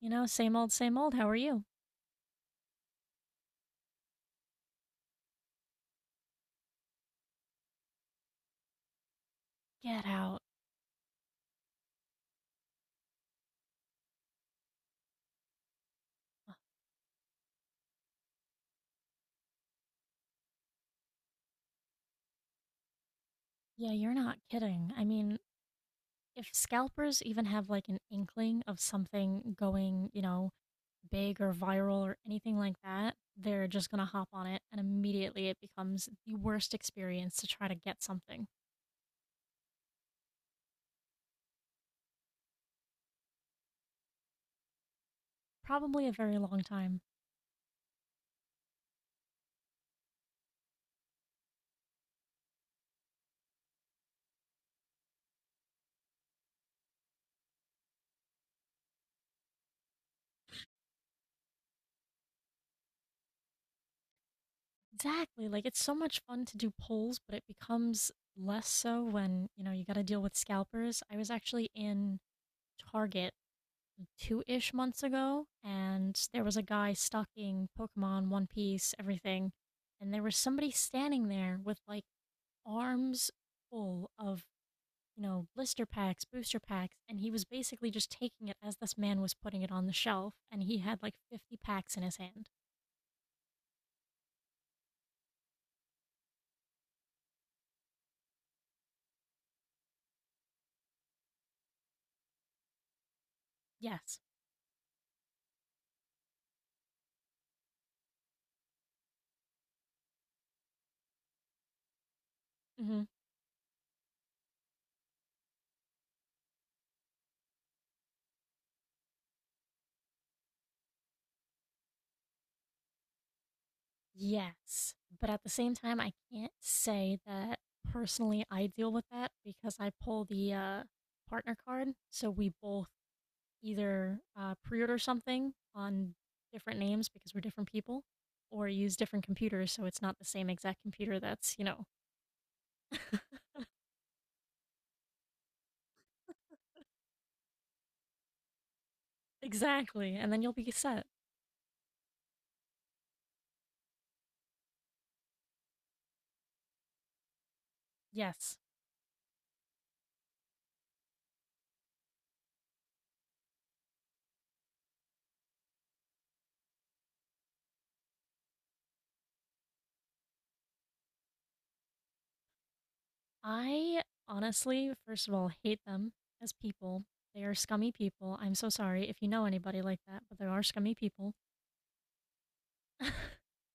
You know, same old, same old. How are you? Get out. Yeah, you're not kidding. I mean, if scalpers even have like an inkling of something going, big or viral or anything like that, they're just going to hop on it and immediately it becomes the worst experience to try to get something. Probably a very long time. Exactly. Like it's so much fun to do polls, but it becomes less so when, you got to deal with scalpers. I was actually in Target two ish months ago, and there was a guy stocking Pokemon, One Piece, everything, and there was somebody standing there with like arms full of blister packs, booster packs, and he was basically just taking it as this man was putting it on the shelf, and he had like 50 packs in his hand. Yes. hmm Yes. But at the same time, I can't say that personally I deal with that because I pull the partner card, so we both either pre-order something on different names because we're different people, or use different computers so it's not the same exact computer that's. Exactly. And then you'll be set. Yes. I honestly, first of all, hate them as people. They are scummy people. I'm so sorry if you know anybody like that, but they are scummy people.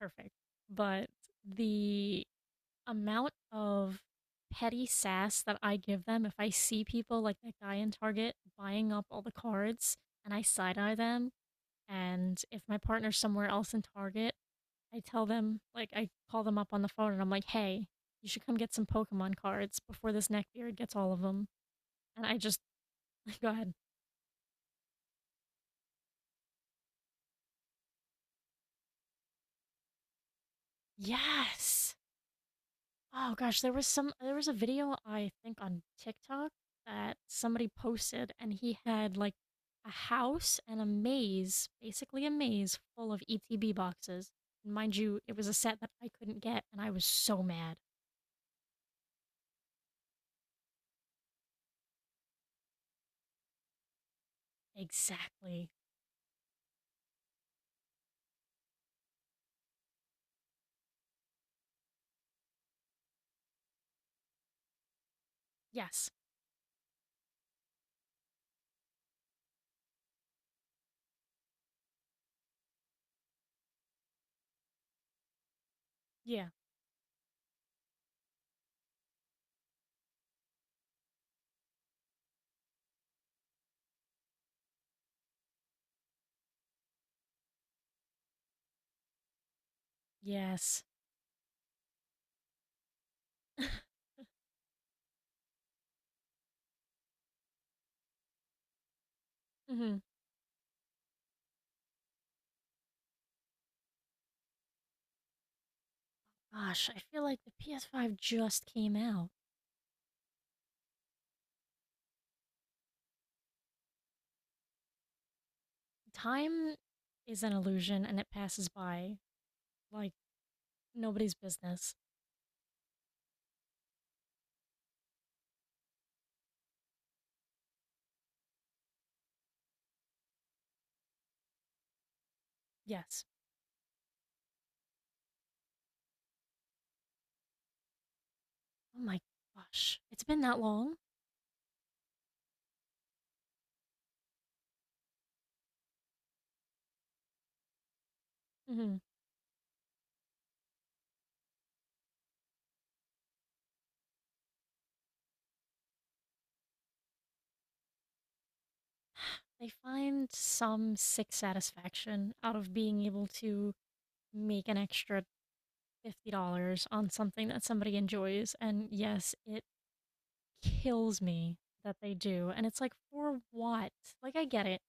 Perfect. But the amount of petty sass that I give them if I see people like that guy in Target buying up all the cards and I side eye them, and if my partner's somewhere else in Target, I tell them, like, I call them up on the phone and I'm like, hey, you should come get some Pokemon cards before this neckbeard gets all of them. And I just, go ahead. Yes. Oh gosh, there was a video I think on TikTok that somebody posted and he had like a house and a maze, basically a maze full of ETB boxes. And mind you, it was a set that I couldn't get and I was so mad. Exactly. Yes. Yeah. Yes. hmm Gosh, I feel like the PS5 just came out. Time is an illusion and it passes by like nobody's business. Yes. Oh my gosh. It's been that long? Mhm. They find some sick satisfaction out of being able to make an extra $50 on something that somebody enjoys. And yes, it kills me that they do. And it's like, for what? Like, I get it.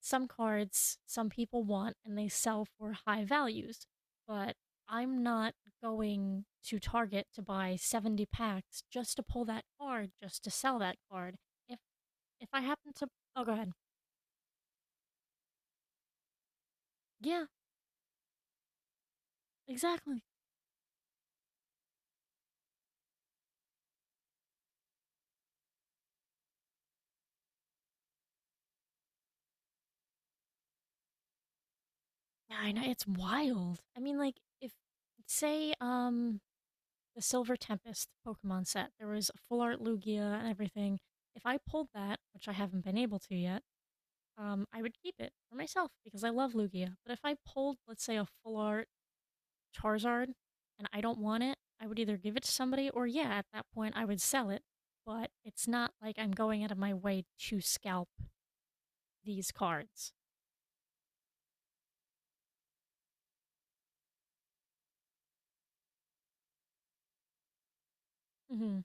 Some cards some people want and they sell for high values, but I'm not going to Target to buy 70 packs just to pull that card, just to sell that card. If If I happen to— oh, go ahead. Yeah, exactly. Yeah, I know it's wild. I mean, like if say the Silver Tempest Pokemon set, there was a full art Lugia and everything. If I pulled that, which I haven't been able to yet, I would keep it for myself because I love Lugia. But if I pulled, let's say, a full art Charizard and I don't want it, I would either give it to somebody or yeah, at that point I would sell it. But it's not like I'm going out of my way to scalp these cards. Hmm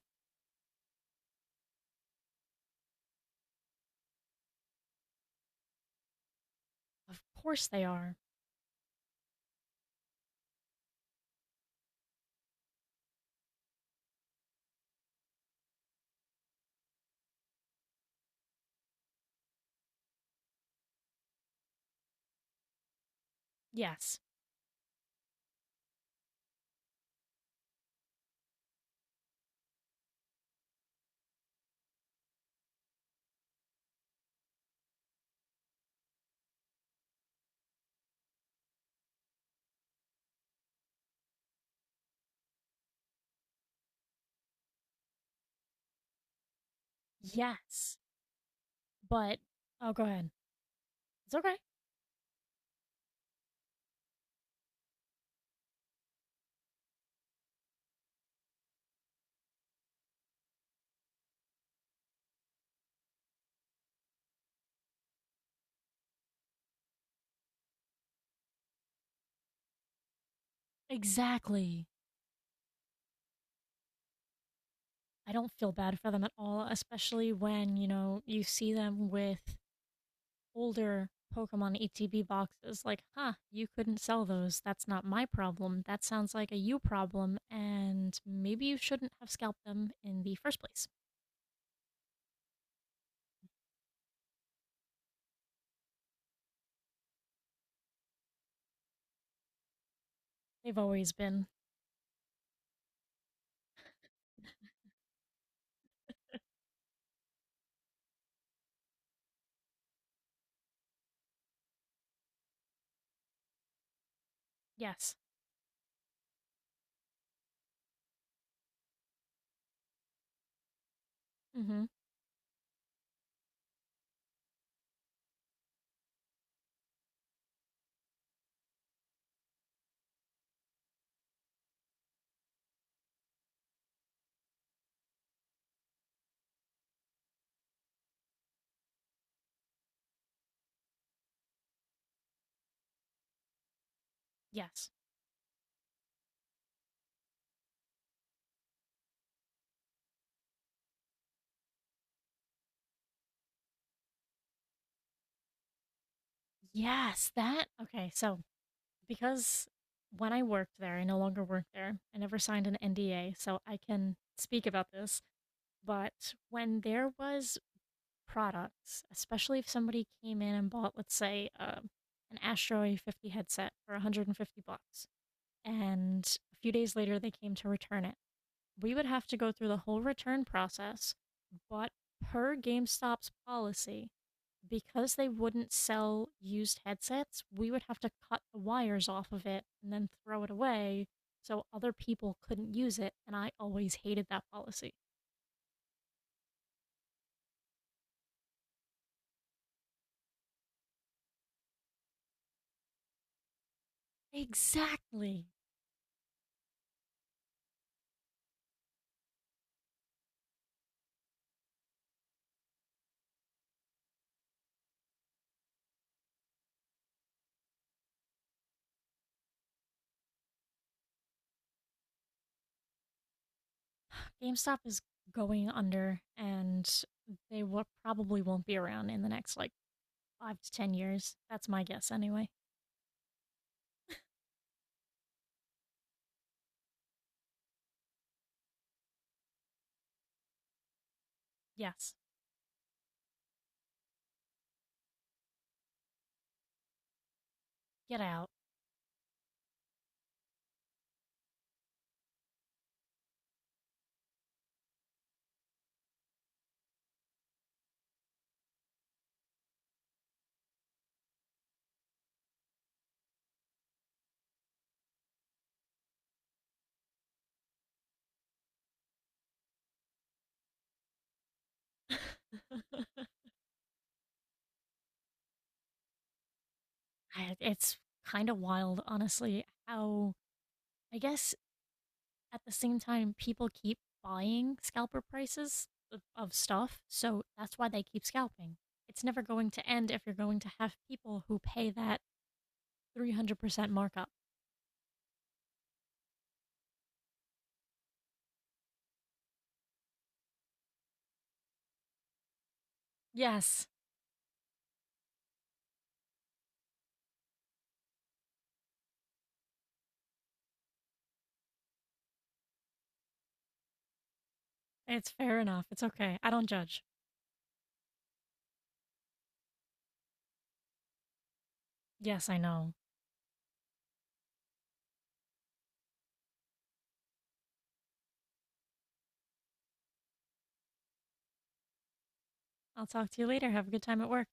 Of course they are. Yes. Yes. But— oh, go ahead. It's okay. Exactly. I don't feel bad for them at all, especially when, you see them with older Pokemon ETB boxes. Like, huh, you couldn't sell those. That's not my problem. That sounds like a you problem, and maybe you shouldn't have scalped them in the first place. They've always been. Yes. Mhm. Yes. Yes, that— okay, so because when I worked there, I no longer work there. I never signed an NDA, so I can speak about this. But when there was products, especially if somebody came in and bought, let's say, an Astro A50 headset for 150 bucks, and a few days later they came to return it, we would have to go through the whole return process. But per GameStop's policy, because they wouldn't sell used headsets, we would have to cut the wires off of it and then throw it away so other people couldn't use it. And I always hated that policy. Exactly. GameStop is going under and they will, probably won't be around in the next like five to 10 years. That's my guess anyway. Yes, get out. It's kind of wild, honestly, how I guess at the same time, people keep buying scalper prices of stuff, so that's why they keep scalping. It's never going to end if you're going to have people who pay that 300% markup. Yes, it's fair enough. It's okay. I don't judge. Yes, I know. I'll talk to you later. Have a good time at work.